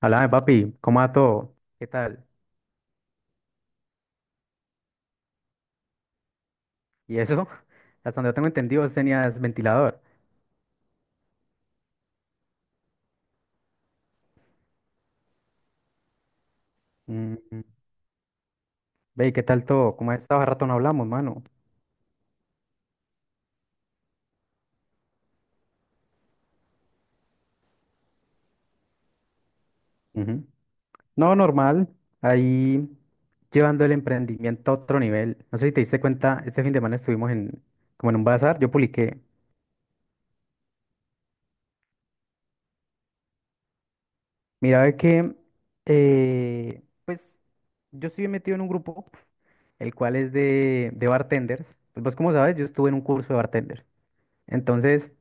Háblame, papi, ¿cómo va todo? ¿Qué tal? ¿Y eso? Hasta donde yo tengo entendido, vos tenías ventilador. Mm, ve, ¿qué tal todo? ¿Cómo has estado? Hace rato no hablamos, mano. Ujú. No, normal. Ahí llevando el emprendimiento a otro nivel. No sé si te diste cuenta, este fin de semana estuvimos en, como en un bazar, yo publiqué. Mira, ve que, pues, yo estoy metido en un grupo, el cual es de bartenders. Pues vos como sabes, yo estuve en un curso de bartender. Entonces.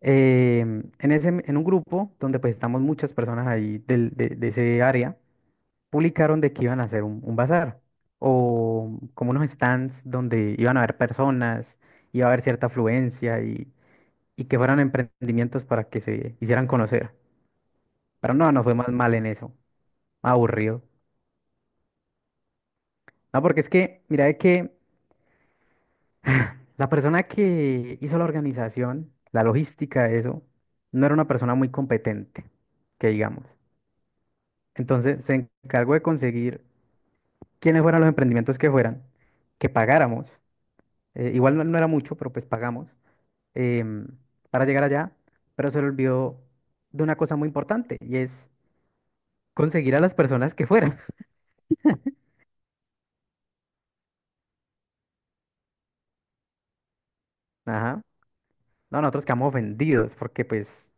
En ese, en un grupo donde pues estamos muchas personas ahí de ese área, publicaron de que iban a hacer un bazar o como unos stands donde iban a haber personas, iba a haber cierta afluencia y que fueran emprendimientos para que se hicieran conocer. Pero no, no fue más mal en eso, aburrido. No, porque es que, mira, de que la persona que hizo la organización, la logística de eso, no era una persona muy competente, que digamos. Entonces se encargó de conseguir quiénes fueran los emprendimientos que fueran, que pagáramos. Igual no, no era mucho, pero pues pagamos em, para llegar allá. Pero se le olvidó de una cosa muy importante y es conseguir a las personas que fueran. Ajá. No, nosotros quedamos ofendidos porque pues,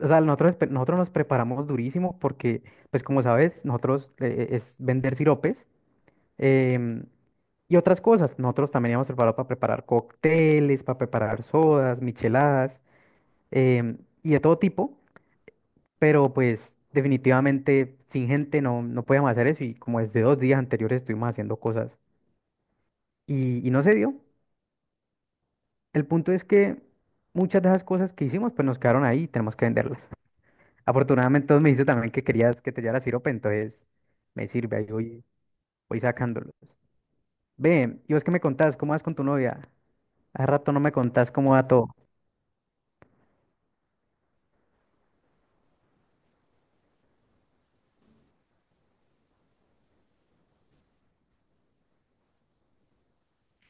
o sea, nosotros, nosotros nos preparamos durísimo porque, pues como sabes, nosotros es vender siropes. em, y otras cosas. Nosotros también íbamos preparados para preparar cócteles, para preparar sodas, micheladas. em, y de todo tipo, pero pues definitivamente sin gente no podíamos hacer eso y como desde 2 días anteriores estuvimos haciendo cosas y no se dio. El punto es que muchas de esas cosas que hicimos pues nos quedaron ahí y tenemos que venderlas. Afortunadamente vos me dijiste también que querías que te llevara sirope, entonces me sirve, ahí voy, voy sacándolos. Ve, ¿y vos qué me contás? ¿Cómo vas con tu novia? Hace rato no me contás cómo va todo.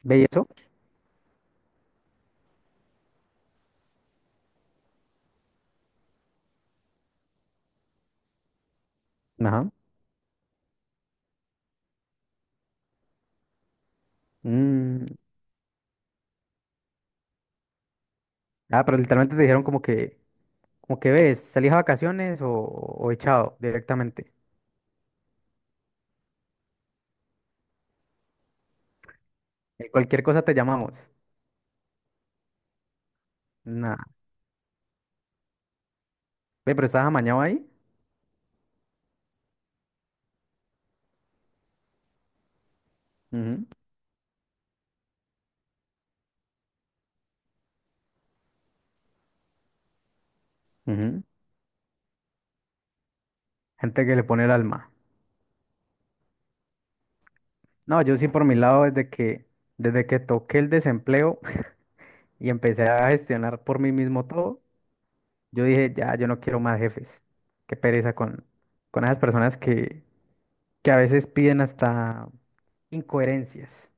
¿Ve y eso? Ajá. Mm. Ah, pero literalmente te dijeron como que... Como que ves, ¿salís a vacaciones o echado directamente? Cualquier cosa te llamamos. Nada. Ve, pero estás amañado ahí. Ujú, ujú. Gente que le pone el alma. No, yo sí por mi lado, desde que toqué el desempleo y empecé a gestionar por mí mismo todo, yo dije, ya, yo no quiero más jefes. Qué pereza con esas personas que a veces piden hasta incoherencias.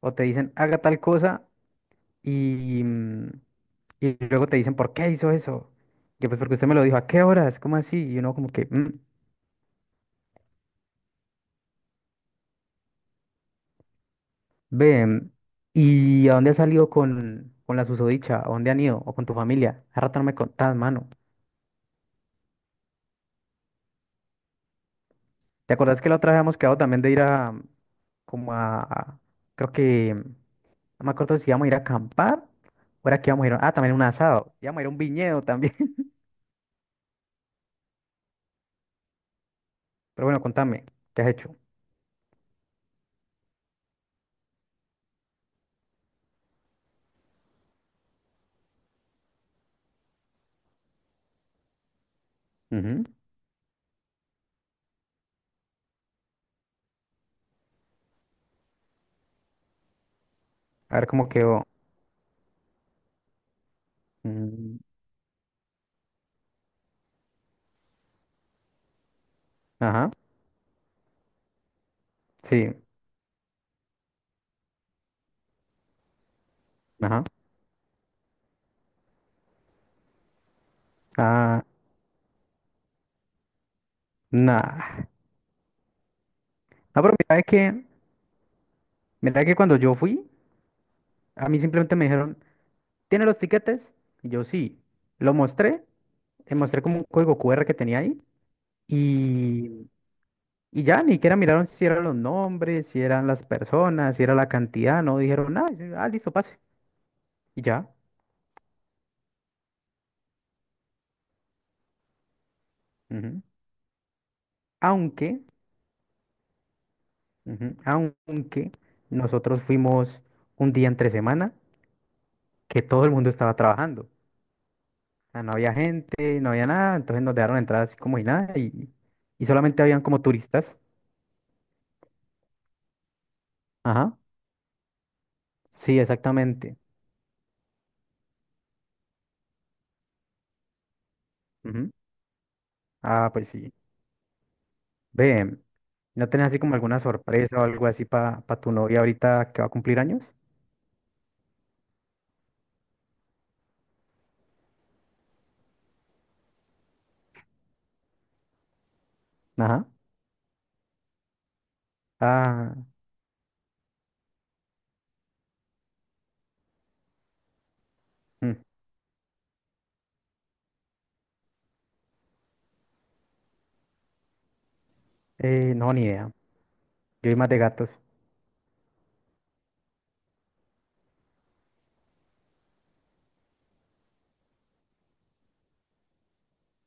O te dicen, haga tal cosa y, mm, y luego te dicen, ¿por qué hizo eso? Yo, pues porque usted me lo dijo, ¿a qué horas? ¿Cómo así? Y uno como que, "Mm". Ve, ¿y a dónde has salido con la susodicha? ¿A dónde han ido? ¿O con tu familia? A rato no me contás, mano. ¿Te acordás que la otra vez habíamos quedado también de ir a, como a, creo que, no me acuerdo si íbamos a ir a acampar o era que íbamos a ir, también un asado, íbamos a ir a un viñedo también? Pero bueno, contame, ¿qué has hecho? Ujú. A ver cómo quedó. Mm. Ajá, sí, ajá. Ah, nada. No, pero mira que cuando yo fui, a mí simplemente me dijeron, ¿tiene los tiquetes? Y yo sí. Lo mostré, le mostré como un código QR que tenía ahí y, y ya, ni siquiera miraron si eran los nombres, si eran las personas, si era la cantidad, no dijeron nada. Dijeron, ah, listo, pase. Y ya. Ujú. Aunque, ujú, aunque nosotros fuimos un día entre semana que todo el mundo estaba trabajando. Sea, no había gente, no había nada, entonces nos dejaron entrar así como y nada y solamente habían como turistas. Ajá, sí, exactamente. Ujú. Ah, pues sí. Ve, ¿no tenés así como alguna sorpresa o algo así para tu novia ahorita que va a cumplir años? Ajá. Ah, mm, no, ni idea. Yo soy más de gatos.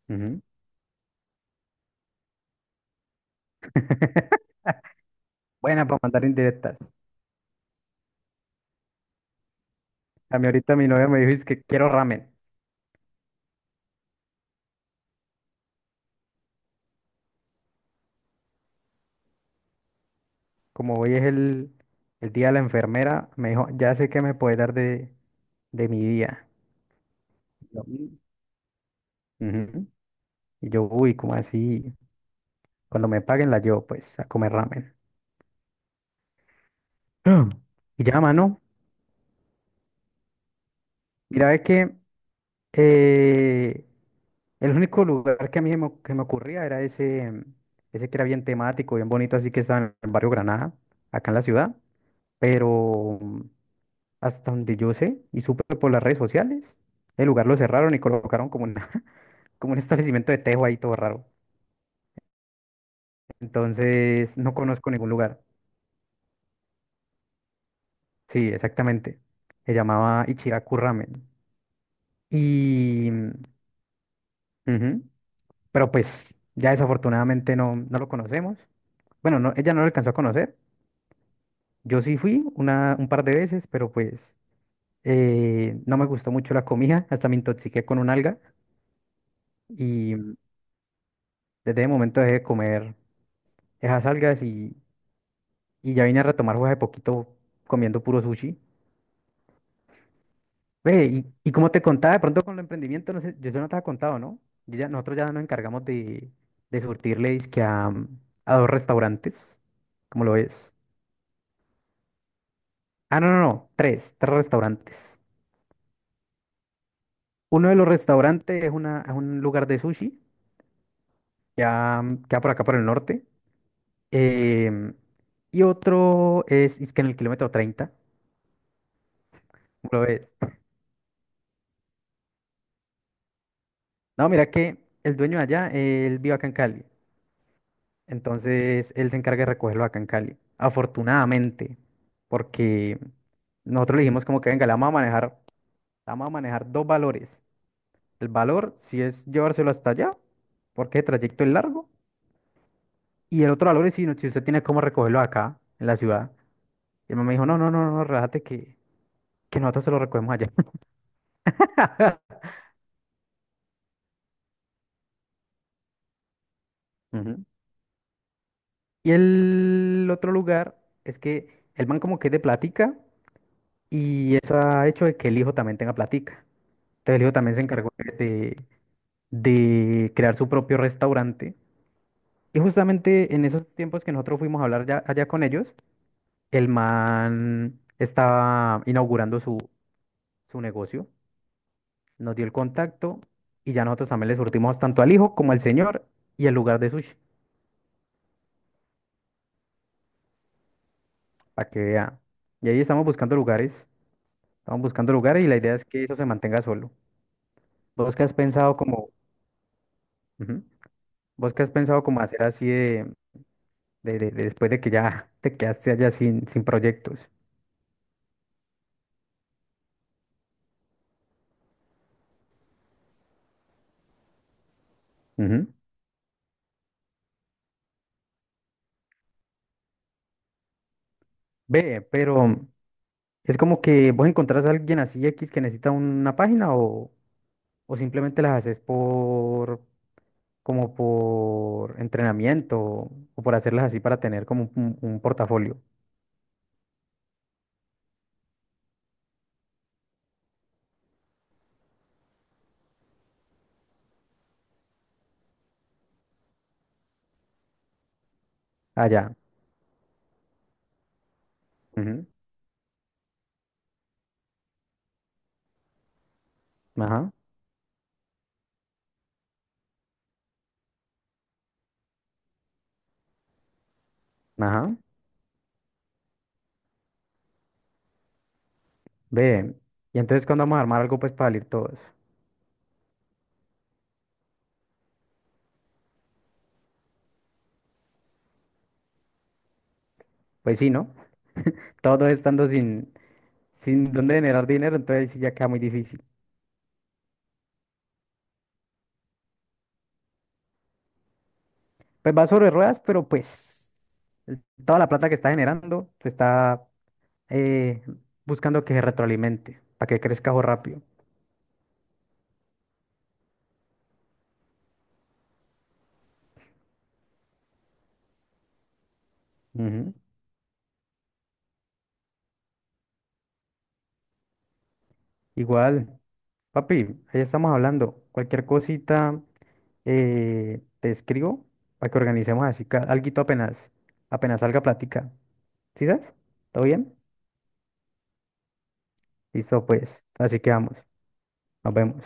Ujú. Buena para mandar indirectas. A mí ahorita mi novia me dijo, es que quiero ramen. Como hoy es el día de la enfermera, me dijo, ya sé qué me puede dar de mi día. Yo, "Mm". Ujú. Y yo, uy, ¿cómo así? Cuando me paguen la llevo pues a comer ramen. Ah. Y ya, mano, mira, es que eh, el único lugar que a mí que me ocurría era ese, ese que era bien temático, bien bonito, así que estaba en el barrio Granada, acá en la ciudad, pero hasta donde yo sé y supe por las redes sociales, el lugar lo cerraron y colocaron como una, como un establecimiento de tejo ahí todo raro. Entonces, no conozco ningún lugar. Sí, exactamente. Se llamaba Ichiraku Ramen. Y, ujú. Pero pues ya desafortunadamente no lo conocemos. Bueno, no, ella no lo alcanzó a conocer. Yo sí fui una, un par de veces, pero pues no me gustó mucho la comida. Hasta me intoxiqué con un alga. Y desde ese momento dejé de comer esas algas y ya vine a retomar fue hace poquito comiendo puro sushi. Ve, y como te contaba, de pronto con el emprendimiento, no sé, yo eso no te había contado, ¿no? Yo ya, nosotros ya nos encargamos de surtirle dizque a dos restaurantes, ¿cómo lo ves? Ah, no, no, no, tres, tres restaurantes. Uno de los restaurantes es, una, es un lugar de sushi, ya queda por acá por el norte. em, y otro es que en el kilómetro 30. ¿Cómo lo ves? No, mira que el dueño de allá, él vive acá en Cali. Entonces él se encarga de recogerlo acá en Cali. Afortunadamente, porque nosotros le dijimos como que venga, le vamos a manejar dos valores. El valor si es llevárselo hasta allá, porque el trayecto es largo. Y el otro valor es si usted tiene cómo recogerlo acá, en la ciudad. Y el mamá me dijo, no, no, no, no, relájate que, nosotros se lo recogemos allá. Ujú. Y el otro lugar es que el man como que es de platica y eso ha hecho de que el hijo también tenga platica. Entonces el hijo también se encargó de, de crear su propio restaurante. Y justamente en esos tiempos que nosotros fuimos a hablar allá con ellos, el man estaba inaugurando su, su negocio, nos dio el contacto y ya nosotros también le surtimos tanto al hijo como al señor y el lugar de sushi, para que vea. Y ahí estamos buscando lugares y la idea es que eso se mantenga solo. ¿Vos qué has pensado como, ujú, vos qué has pensado como hacer así de después de que ya te quedaste allá sin proyectos? Ve, pero es como que vos encontrás a alguien así X que necesita una página o simplemente las haces por como por entrenamiento o por hacerlas así para tener como un portafolio. Allá. Ajá, ajá. Ve. Y entonces cuando vamos a armar algo pues para salir todos. Pues sí, ¿no? Todos estando sin dónde generar dinero, entonces sí ya queda muy difícil. Pues va sobre ruedas, pero pues toda la plata que está generando se está eh, buscando que se retroalimente, para que crezca o rápido. Ujú. Igual, papi, ahí estamos hablando. Cualquier cosita te escribo para que organicemos así, alguito apenas, salga plática. ¿Sí sabes? ¿Todo bien? Listo, pues. Así que vamos. Nos vemos.